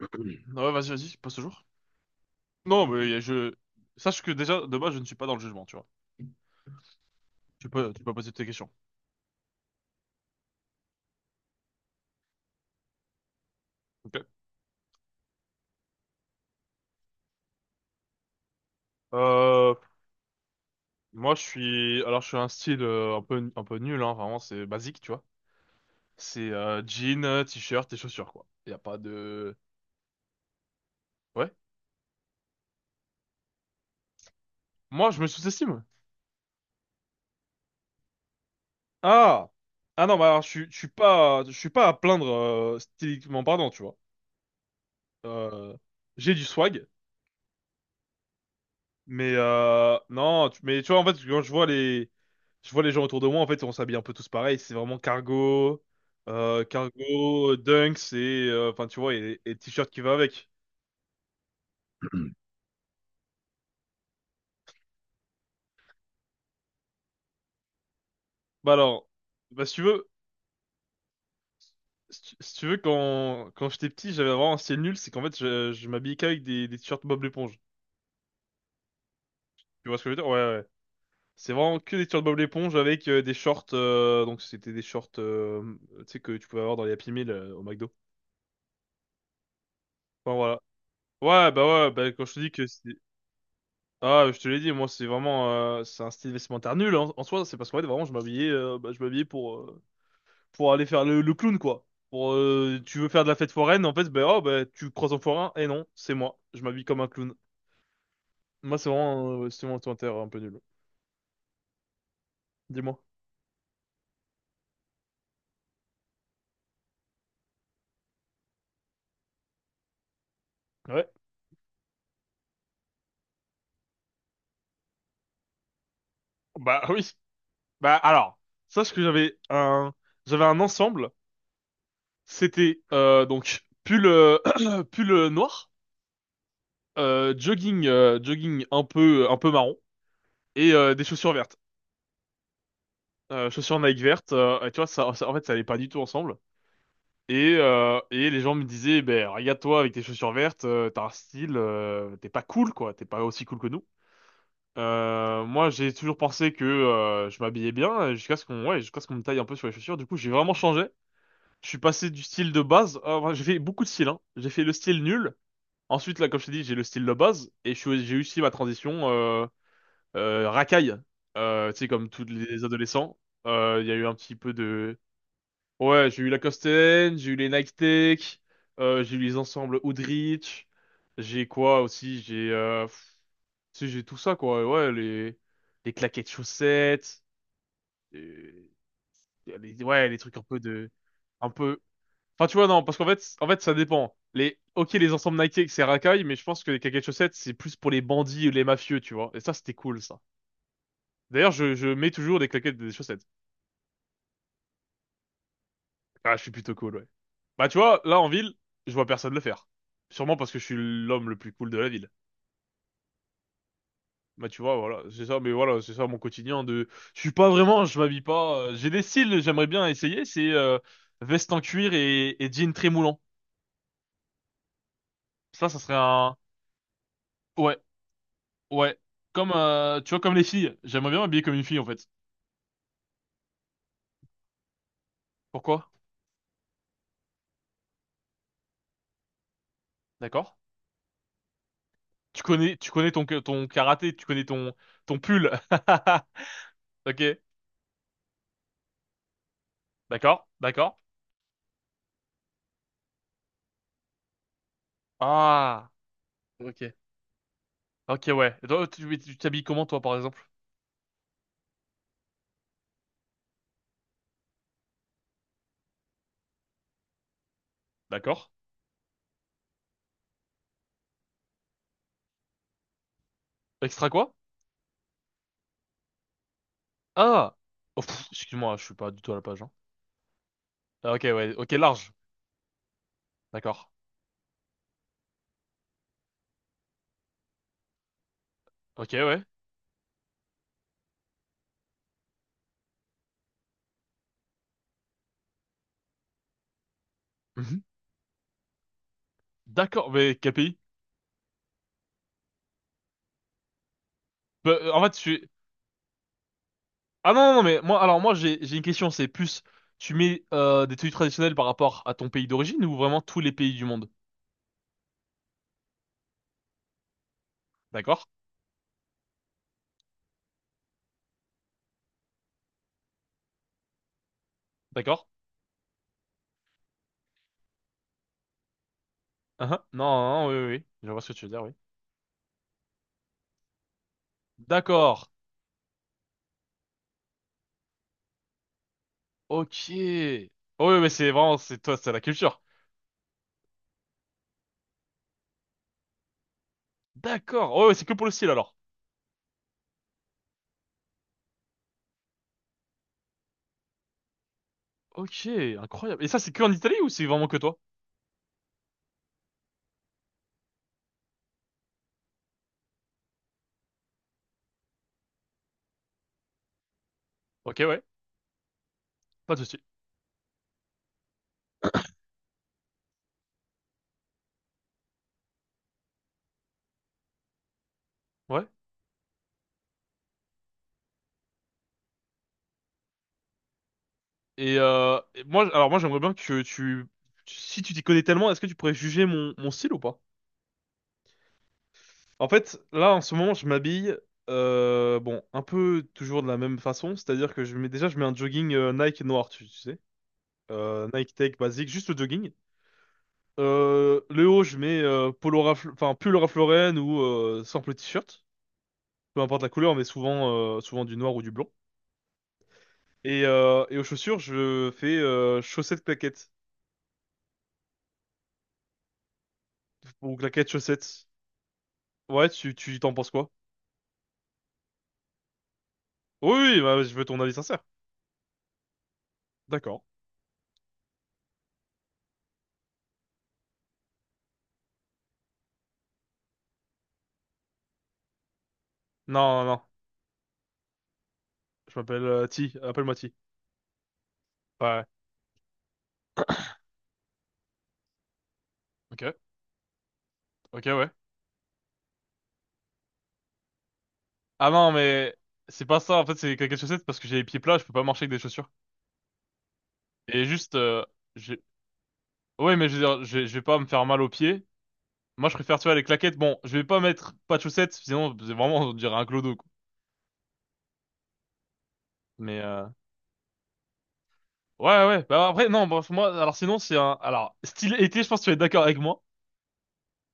Ouais, vas-y, vas-y, passe toujours. Non, mais je... Sache que déjà, de base, je ne suis pas dans le jugement, tu vois. Tu peux poser tes questions. Ok. Euh, moi, je suis... Alors, je suis un style un peu nul, hein, vraiment, c'est basique, tu vois. C'est jean, t-shirt et chaussures, quoi. Il a pas de... Ouais. Moi, je me sous-estime. Ah! Ah non, bah alors, je suis, je suis pas à plaindre, styliquement parlant, tu vois. Euh, j'ai du swag. Mais non, mais tu vois, en fait, quand je vois je vois les gens autour de moi, en fait, on s'habille un peu tous pareil. C'est vraiment cargo, cargo, dunks et enfin, tu vois, et t-shirt qui va avec. Bah alors, bah si tu veux, si tu veux, quand j'étais petit, j'avais vraiment un style nul, c'est qu'en fait, je m'habillais qu'avec des t-shirts Bob l'éponge. Tu vois ce que je veux dire? Ouais, ouais. C'est vraiment que des t-shirts Bob l'éponge avec des shorts, donc c'était des shorts, tu sais, que tu pouvais avoir dans les Happy Meal au McDo. Enfin voilà. Ouais, bah quand je te dis que c'est... Ah, je te l'ai dit, moi, c'est vraiment, c'est un style vestimentaire nul, hein, en soi. C'est parce qu'en fait, vraiment, je m'habillais, bah, je m'habillais pour aller faire le clown, quoi. Pour, tu veux faire de la fête foraine, en fait, ben, oh, ben, tu croises un forain, et non, c'est moi. Je m'habille comme un clown. Moi, c'est vraiment, c'est mon vestimentaire un peu nul. Dis-moi. Ouais. Bah oui. Bah alors, sache que j'avais un ensemble. C'était, donc, pull, pull noir, jogging, jogging un peu marron, et des chaussures vertes. Chaussures Nike vertes, et tu vois, ça- en fait, ça allait pas du tout ensemble. Et les gens me disaient, ben, regarde-toi avec tes chaussures vertes, t'as un style, t'es pas cool, quoi, t'es pas aussi cool que nous. Moi, j'ai toujours pensé que je m'habillais bien, jusqu'à ce qu'on ouais, jusqu'à ce qu'on me taille un peu sur les chaussures. Du coup, j'ai vraiment changé. Je suis passé du style de base, enfin, j'ai fait beaucoup de styles, hein. J'ai fait le style nul. Ensuite, là, comme je t'ai dit, j'ai le style de base, et je suis- j'ai eu aussi ma transition racaille. Tu sais, comme tous les adolescents, il y a eu un petit peu de ouais, j'ai eu la N, j'ai eu les Nike Tech, j'ai eu les ensembles Hoodrich, j'ai quoi aussi, j'ai tu sais, j'ai tout ça quoi, ouais, les claquettes chaussettes, euh, les, ouais, les trucs un peu de un peu enfin tu vois non, parce qu'en fait en fait, ça dépend. Les OK, les ensembles Nike Tech, c'est racaille, mais je pense que les claquettes chaussettes c'est plus pour les bandits ou les mafieux, tu vois. Et ça c'était cool, ça. D'ailleurs, je mets toujours des claquettes et des chaussettes. Ah, je suis plutôt cool, ouais. Bah, tu vois, là, en ville, je vois personne le faire. Sûrement parce que je suis l'homme le plus cool de la ville. Bah, tu vois, voilà, c'est ça, mais voilà, c'est ça mon quotidien de... Je suis pas vraiment, je m'habille pas... j'ai des styles, j'aimerais bien essayer, c'est veste en cuir et jean très moulant. Ça serait un... Ouais, ouais. Comme, tu vois, comme les filles. J'aimerais bien m'habiller comme une fille, en fait. Pourquoi? D'accord? Tu connais ton, ton karaté, tu connais ton, ton pull. Ok, d'accord, d'accord. Ah, ok. Ok, ouais. Et toi, tu t'habilles comment, toi, par exemple? D'accord? Extra quoi? Ah! Oh, pff, excuse-moi, je suis pas du tout à la page, hein. Ah, ok, ouais. Ok, large. D'accord. Ok, ouais. Mhm. D'accord, mais quel pays? Bah, en fait, je suis... Ah non, non, non, mais moi, alors moi, j'ai une question, c'est plus, tu mets des tenues traditionnelles par rapport à ton pays d'origine ou vraiment tous les pays du monde? D'accord? D'accord? Ah, ah. Non, non, non, oui, oui, oui. Je vois ce que tu veux dire, oui. D'accord. Ok. Oh, oui, mais c'est vraiment, c'est toi, c'est la culture. D'accord. Oh, oui, c'est que pour le style, alors. Ok, incroyable. Et ça, c'est que en Italie ou c'est vraiment que toi? Ok, ouais, pas de souci. Ouais. Et moi, alors moi, j'aimerais bien que tu- si tu t'y connais tellement, est-ce que tu pourrais juger mon, mon style ou pas? En fait, là, en ce moment, je m'habille, bon, un peu toujours de la même façon, c'est-à-dire que je mets déjà, je mets un jogging Nike noir, tu sais, Nike Tech basique, juste le jogging. Le haut, je mets polo Ralph- enfin pull Ralph Lauren ou simple t-shirt, peu importe la couleur, mais souvent, souvent du noir ou du blanc. Et aux chaussures, je fais chaussettes claquettes. Ou claquettes chaussettes. Ouais, tu t'en penses quoi? Oui, oui, bah, je veux ton avis sincère. D'accord. Non, non, non. Je m'appelle T. Appelle-moi T. Ouais. Ok, ok, ouais. Ah non, mais c'est pas ça. En fait, c'est claquettes chaussettes parce que j'ai les pieds plats, je peux pas marcher avec des chaussures. Et juste, j'ai... Ouais, mais je veux dire, je vais pas me faire mal aux pieds. Moi, je préfère, tu vois, les claquettes. Bon, je vais pas mettre pas de chaussettes, sinon, c'est vraiment, on dirait un clodo, quoi. Mais... ouais, ouais, ouais. Bah après, non, bref, moi, alors sinon, c'est un... Alors, style été, je pense que tu vas être d'accord avec moi.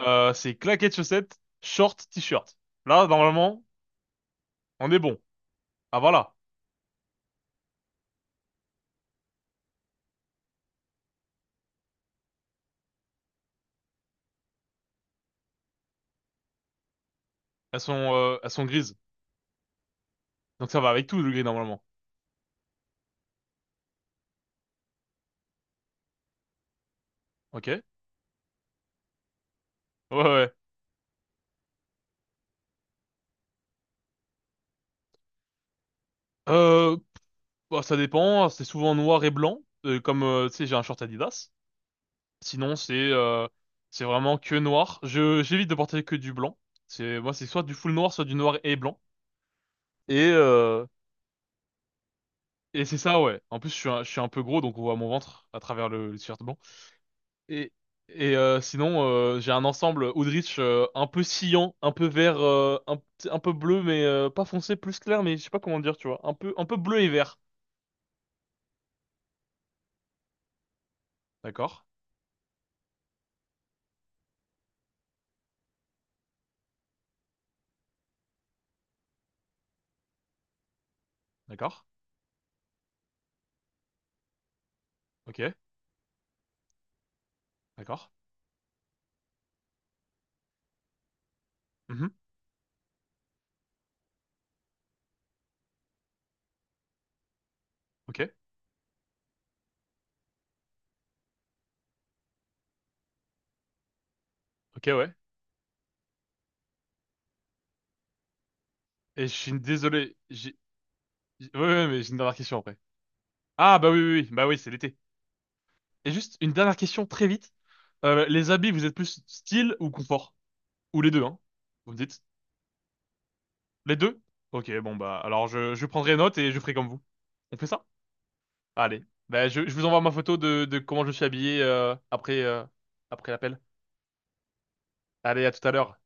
C'est claquettes, chaussettes, shorts t-shirt. Là, normalement, on est bon. Ah, voilà. Elles sont grises. Donc ça va avec tout, le gris, normalement. Ok? Ouais, ouais. Euh, bah, ça dépend. C'est souvent noir et blanc. Comme, tu sais, j'ai un short Adidas. Sinon, c'est vraiment que noir. J'évite de porter que du blanc. C'est, moi, c'est soit du full noir, soit du noir et blanc. Et, euh, Et c'est ça, ouais. En plus, je suis un peu gros, donc on voit mon ventre à travers le t-shirt blanc. Et, et sinon, j'ai un ensemble Oudrich un peu sciant, un peu vert, un, p- un peu bleu, mais pas foncé, plus clair, mais je sais pas comment dire, tu vois. Un peu bleu et vert. D'accord, d'accord, ok, d'accord. Mhm. Ok, ok, ouais. Et je suis désolé, j'ai- Ouais, ouais, mais j'ai une dernière question après. Ah, bah oui, oui, oui, bah oui, c'est l'été. Et juste une dernière question, très vite. Les habits, vous êtes plus style ou confort? Ou les deux, hein? Vous me dites? Les deux? Ok, bon bah alors je prendrai note et je ferai comme vous. On fait ça? Allez. Bah je vous envoie ma photo de comment je suis habillé après, après l'appel. Allez, à tout à l'heure.